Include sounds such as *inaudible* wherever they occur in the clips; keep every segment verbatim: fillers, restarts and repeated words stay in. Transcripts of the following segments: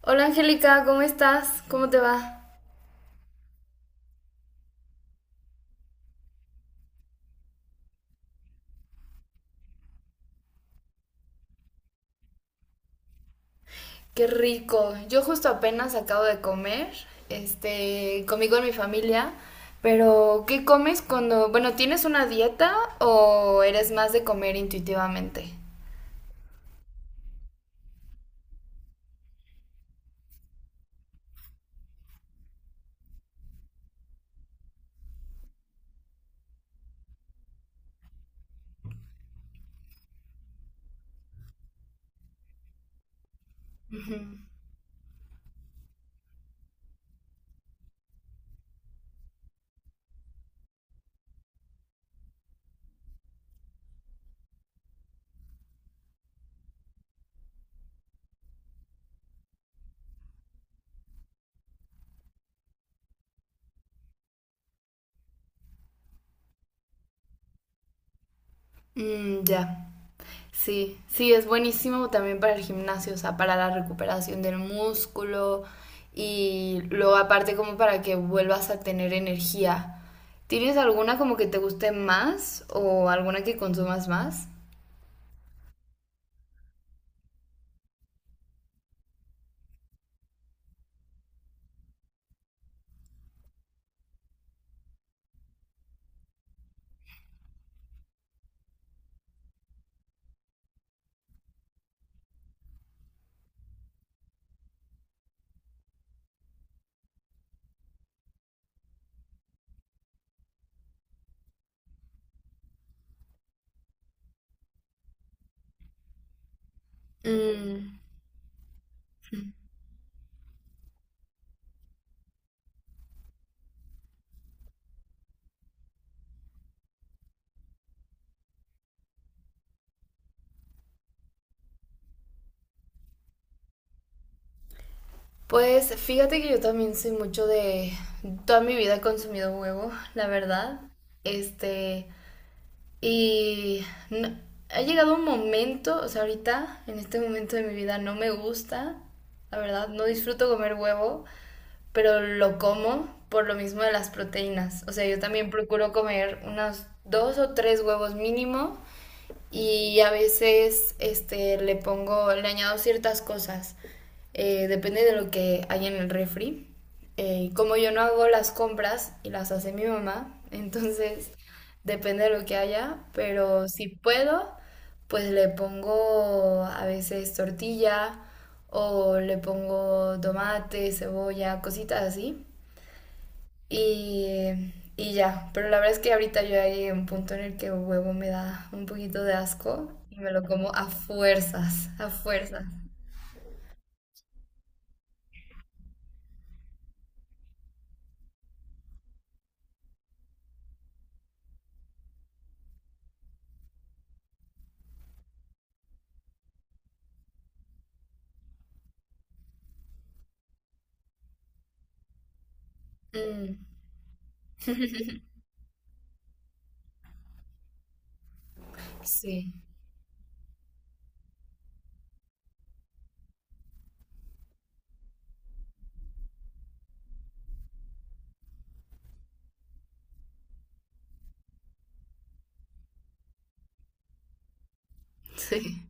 Hola Angélica, ¿cómo estás? ¿Cómo te va? Qué rico. Yo justo apenas acabo de comer, este, conmigo en mi familia, pero ¿qué comes cuando, bueno, tienes una dieta o eres más de comer intuitivamente? Mm, ya. Sí, sí, es buenísimo también para el gimnasio, o sea, para la recuperación del músculo y luego aparte como para que vuelvas a tener energía. ¿Tienes alguna como que te guste más o alguna que consumas más? Mm. Pues fíjate que yo también soy mucho de... Toda mi vida he consumido huevo, la verdad. Este, Y no- ha llegado un momento, o sea, ahorita, en este momento de mi vida, no me gusta, la verdad, no disfruto comer huevo, pero lo como por lo mismo de las proteínas. O sea, yo también procuro comer unos dos o tres huevos mínimo y a veces este, le pongo, le añado ciertas cosas. Eh, depende de lo que hay en el refri. Eh, como yo no hago las compras y las hace mi mamá, *laughs* entonces depende de lo que haya, pero si puedo, pues le pongo a veces tortilla o le pongo tomate, cebolla, cositas así. Y, y ya, pero la verdad es que ahorita yo ya llegué a un punto en el que el huevo me da un poquito de asco y me lo como a fuerzas, a fuerzas. Mm, sí. Sí.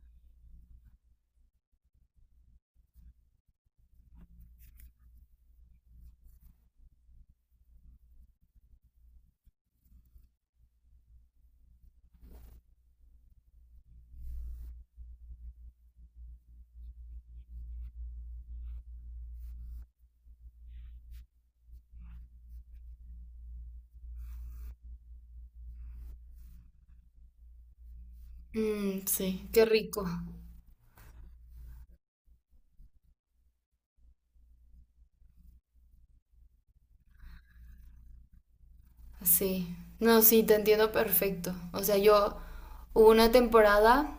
Mm, sí, qué rico. Sí. No, sí, te entiendo perfecto. O sea, yo hubo una temporada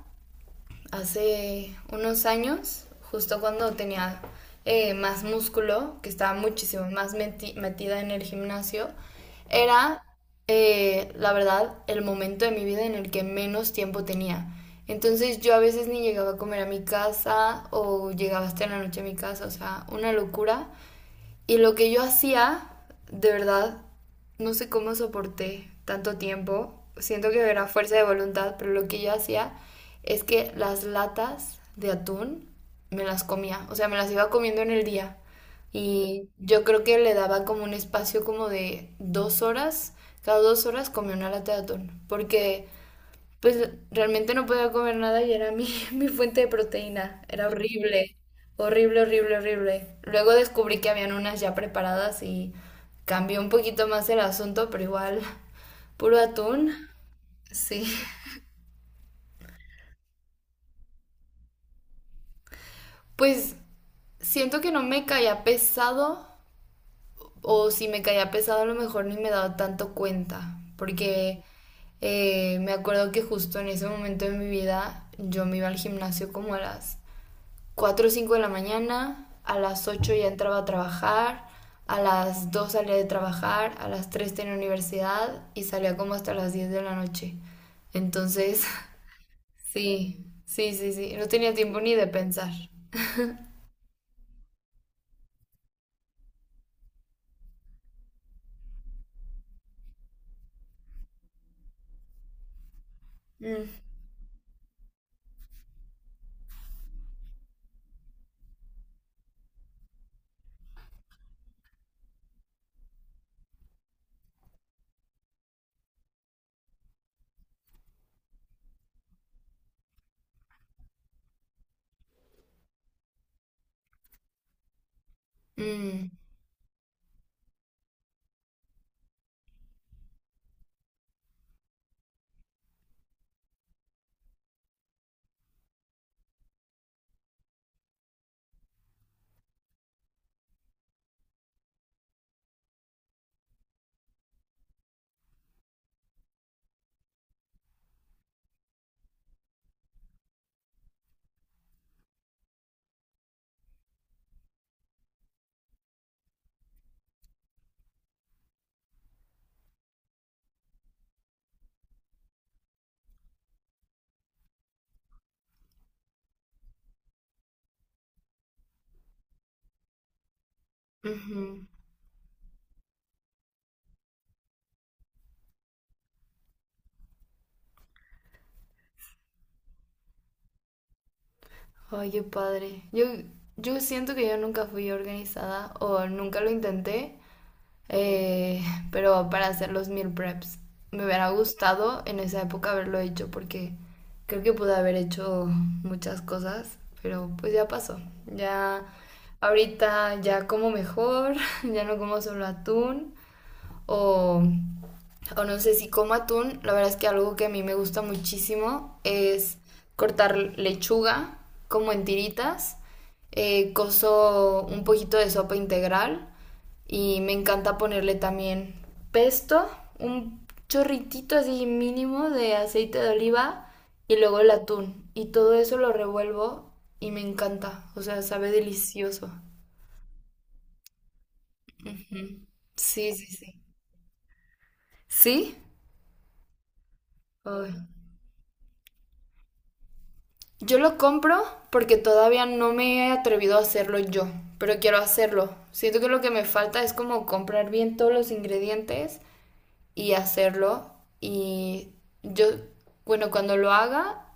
hace unos años, justo cuando tenía eh, más músculo, que estaba muchísimo más meti- metida en el gimnasio, era, eh, la verdad, el momento de mi vida en el que menos tiempo tenía. Entonces yo a veces ni llegaba a comer a mi casa o llegaba hasta la noche a mi casa, o sea, una locura. Y lo que yo hacía, de verdad, no sé cómo soporté tanto tiempo. Siento que era fuerza de voluntad, pero lo que yo hacía es que las latas de atún me las comía, o sea, me las iba comiendo en el día. Y yo creo que le daba como un espacio como de dos horas, cada dos horas comía una lata de atún, porque pues realmente no podía comer nada y era mi, *laughs* mi fuente de proteína. Era horrible, horrible, horrible, horrible. Luego descubrí que habían unas ya preparadas y cambió un poquito más el asunto, pero igual, *laughs* puro atún. Sí. Pues siento que no me caía pesado o si me caía pesado a lo mejor ni me daba tanto cuenta, porque eh, me acuerdo que justo en ese momento de mi vida yo me iba al gimnasio como a las cuatro o cinco de la mañana, a las ocho ya entraba a trabajar, a las dos salía de trabajar, a las tres tenía universidad y salía como hasta las diez de la noche. Entonces, *laughs* sí, sí, sí, sí, no tenía tiempo ni de pensar. Mm, mm, ujú. Ay, qué padre. Yo, yo siento que yo nunca fui organizada o nunca lo intenté eh, pero para hacer los meal preps. Me hubiera gustado en esa época haberlo hecho porque creo que pude haber hecho muchas cosas, pero pues ya pasó. Ya ahorita ya como mejor, *laughs* ya no como solo atún o, o no sé si como atún. La verdad es que algo que a mí me gusta muchísimo es cortar lechuga como en tiritas. Eh, coso un poquito de sopa integral y me encanta ponerle también pesto, un chorritito así mínimo de aceite de oliva y luego el atún. Y todo eso lo revuelvo y me encanta. O sea, sabe delicioso. Ujú. Sí, sí, sí. ¿Sí? Ay. Yo lo compro porque todavía no me he atrevido a hacerlo yo, pero quiero hacerlo. Siento que lo que me falta es como comprar bien todos los ingredientes y hacerlo. Y yo, bueno, cuando lo haga,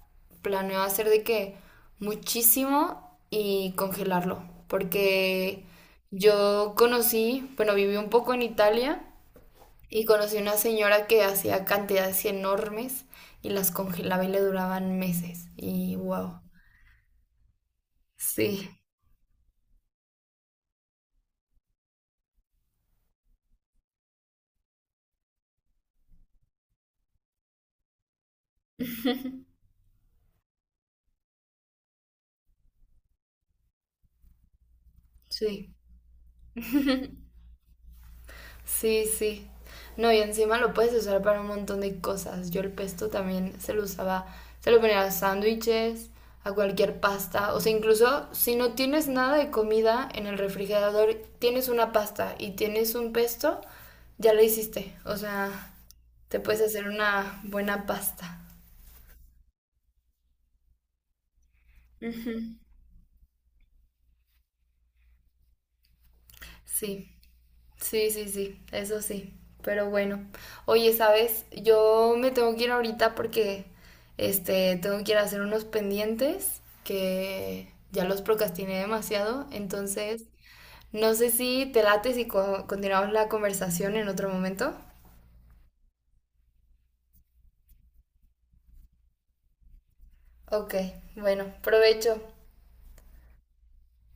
planeo hacer de que muchísimo y congelarlo, porque yo conocí, bueno, viví un poco en Italia y conocí una señora que hacía cantidades enormes y las congelaba y le duraban meses. Y wow, sí, sí. Sí, sí. No, y encima lo puedes usar para un montón de cosas. Yo el pesto también se lo usaba, se lo ponía a sándwiches, a cualquier pasta. O sea, incluso si no tienes nada de comida en el refrigerador, tienes una pasta y tienes un pesto, ya lo hiciste. O sea, te puedes hacer una buena pasta. Ujú. Sí. Sí, sí, sí, eso sí. Pero bueno, oye, ¿sabes? Yo me tengo que ir ahorita porque este tengo que ir a hacer unos pendientes que ya los procrastiné demasiado, entonces no sé si te late si co- continuamos la conversación en otro momento. Ok, bueno, provecho.